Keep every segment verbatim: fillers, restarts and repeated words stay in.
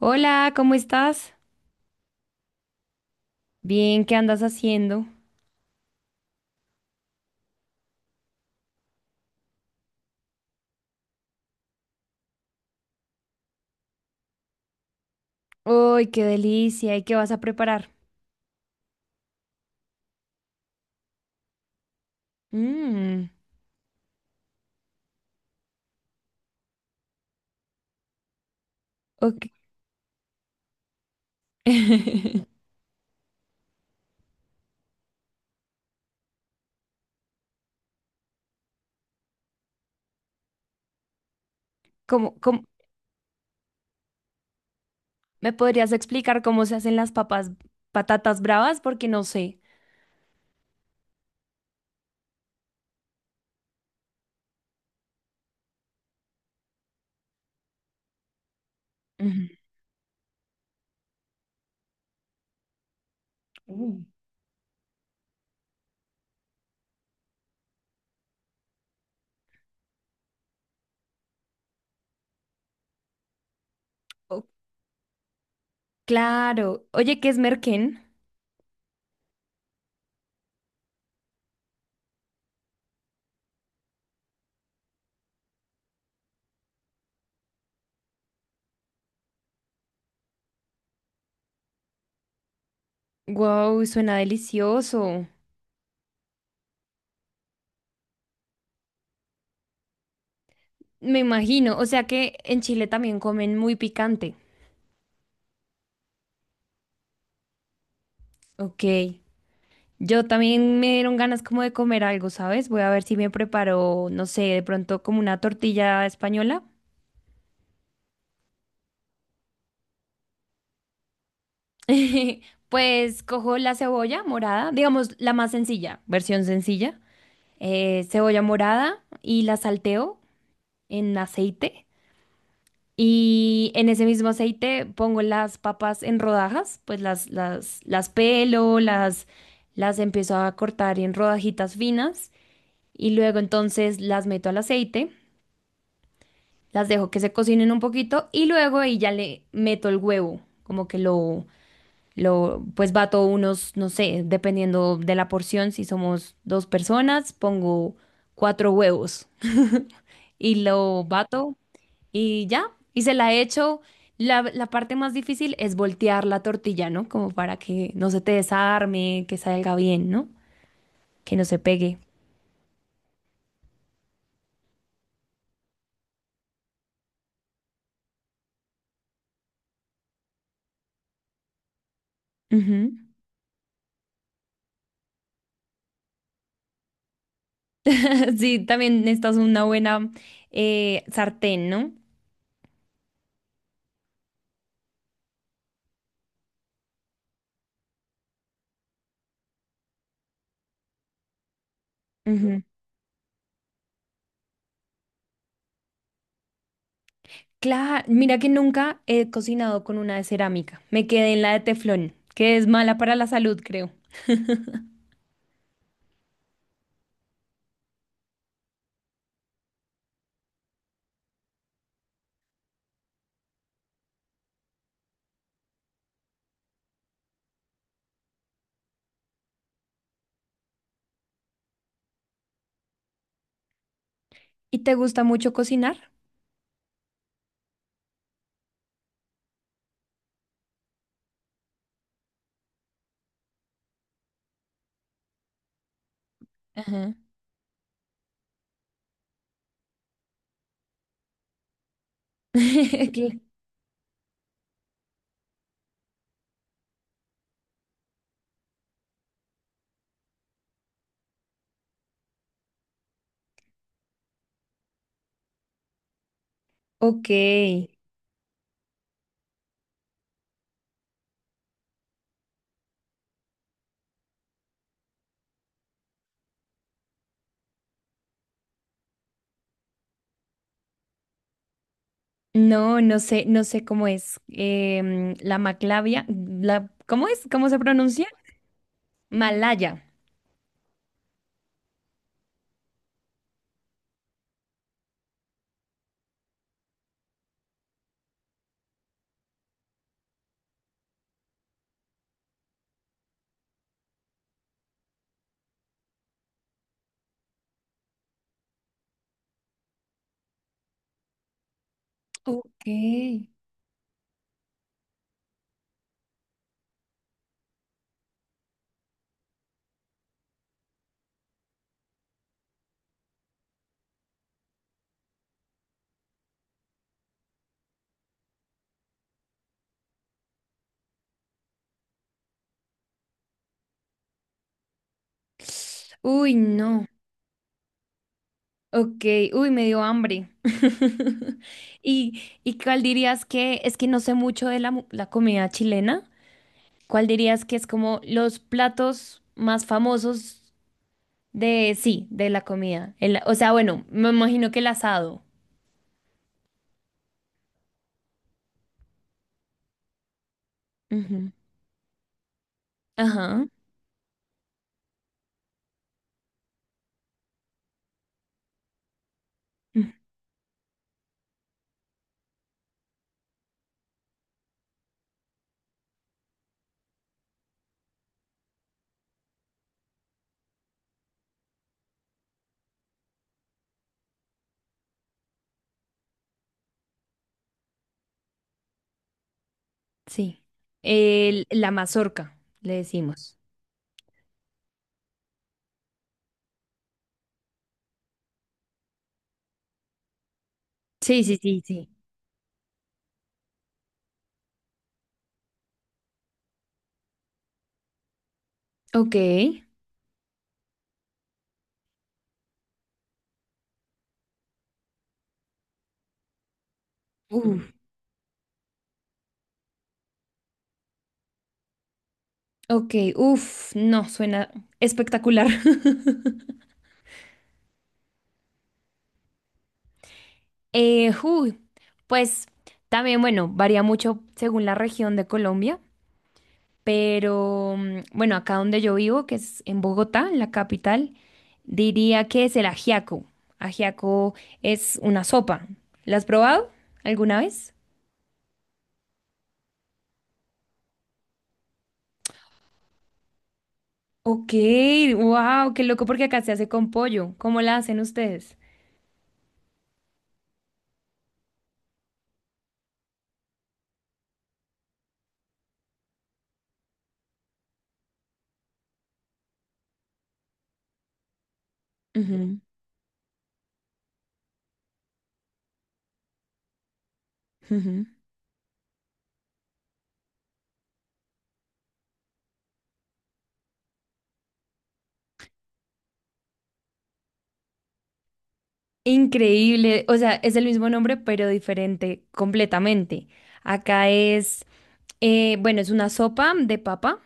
Hola, ¿cómo estás? Bien, ¿qué andas haciendo? ¡Uy, qué delicia! ¿Y qué vas a preparar? Mmm, ok. ¿Cómo, cómo- ¿Me podrías explicar cómo se hacen las papas, patatas bravas? Porque no sé. Ujú. Mm. Oh, claro. Oye, ¿qué es merquén? Wow, suena delicioso. Me imagino. O sea que en Chile también comen muy picante. Ok. Yo también me dieron ganas como de comer algo, ¿sabes? Voy a ver si me preparo, no sé, de pronto como una tortilla española. Pues cojo la cebolla morada, digamos la más sencilla, versión sencilla. Eh, cebolla morada y la salteo en aceite. Y en ese mismo aceite pongo las papas en rodajas, pues las, las, las pelo, las, las empiezo a cortar en rodajitas finas. Y luego entonces las meto al aceite. Las dejo que se cocinen un poquito y luego ahí ya le meto el huevo, como que lo, lo, pues bato unos, no sé, dependiendo de la porción, si somos dos personas, pongo cuatro huevos y lo bato y ya, y se la echo. La, la parte más difícil es voltear la tortilla, ¿no? Como para que no se te desarme, que salga bien, ¿no? Que no se pegue. Ujú. Sí, también necesitas una buena eh, sartén, ¿no? Ujú. Claro, mira que nunca he cocinado con una de cerámica. Me quedé en la de teflón, que es mala para la salud, creo. ¿Y te gusta mucho cocinar? Ajá. Sí. Ok. No, no sé, no sé cómo es. Em, la maclavia, la, ¿cómo es? ¿Cómo se pronuncia? Malaya. Ok. Uy, no. Ok. Uy, me dio hambre. ¿Y, y cuál dirías que es que no sé mucho de la, mu- la comida chilena? ¿Cuál dirías que es como los platos más famosos de, sí, de la comida? El- o sea, bueno, me imagino que el asado. Ujú. Ajá. Mm, Sí. El- la mazorca, le decimos. Sí, sí, sí, sí. Ok. Uf. Ok, uf, no, suena espectacular. Eh, uy, pues también, bueno, varía mucho según la región de Colombia. Pero mm, bueno, acá donde yo vivo, que es en Bogotá, en la capital, diría que es el ajiaco. Ajiaco es una sopa. ¿La has probado alguna vez? Ok, wow, qué loco porque acá se hace con pollo. ¿Cómo la hacen ustedes? Ujú, ujú. Increíble, o sea, es el mismo nombre pero diferente completamente. Acá es, eh, bueno, es una sopa de papa,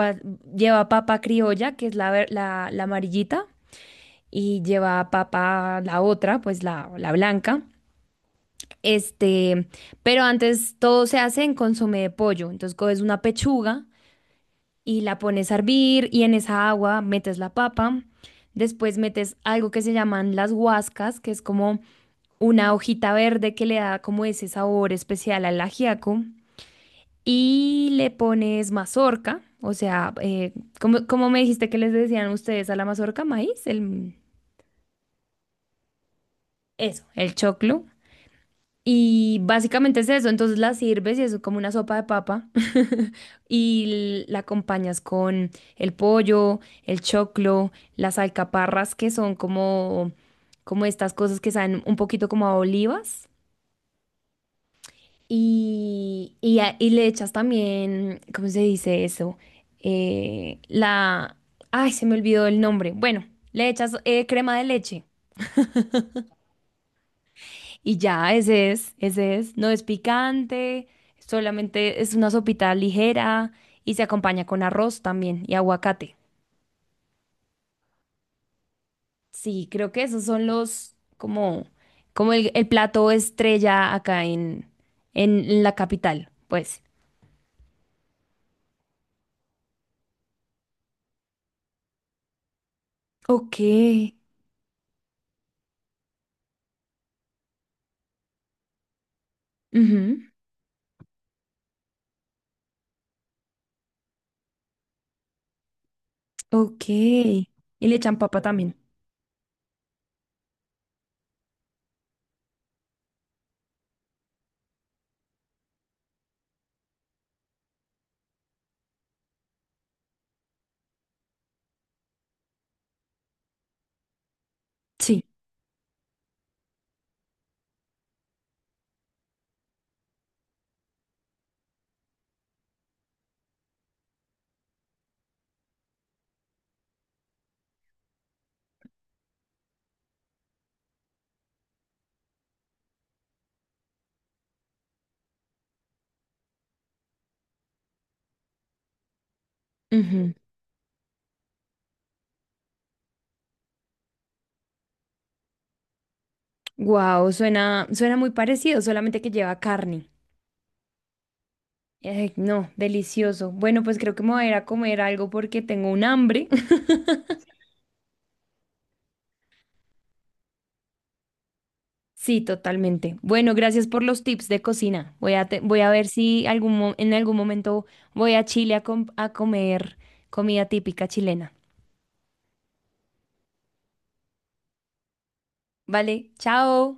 va- lleva papa criolla, que es la, ver- la, la amarillita. Y lleva a papa la otra, pues la, la blanca. Este, pero antes todo se hace en consomé de pollo. Entonces coges una pechuga y la pones a hervir y en esa agua metes la papa. Después metes algo que se llaman las guascas que es como una hojita verde que le da como ese sabor especial al ajiaco. Y le pones mazorca, o sea, eh, ¿cómo, cómo me dijiste que les decían ustedes a la mazorca? Maíz, el, eso, el choclo. Y básicamente es eso, entonces la sirves y eso es como una sopa de papa y la acompañas con el pollo, el choclo, las alcaparras que son como, como estas cosas que saben un poquito como a olivas y, y, a- y le echas también, ¿cómo se dice eso? Eh, la... Ay, se me olvidó el nombre. Bueno, le echas eh, crema de leche. Y ya, ese es, ese es. No es picante, solamente es una sopita ligera y se acompaña con arroz también y aguacate. Sí, creo que esos son los, como, como el, el plato estrella acá en, en la capital, pues. Ok, Ujú. Ok. Y le echan papa también. Sí. Wow, suena, suena muy parecido, solamente que lleva carne. Ay, no, delicioso. Bueno, pues creo que me voy a ir a comer algo porque tengo un hambre. Sí, totalmente. Bueno, gracias por los tips de cocina. Voy a, te- voy a ver si algún, mo- en algún momento voy a Chile a, com- a comer comida típica chilena. Vale, chao.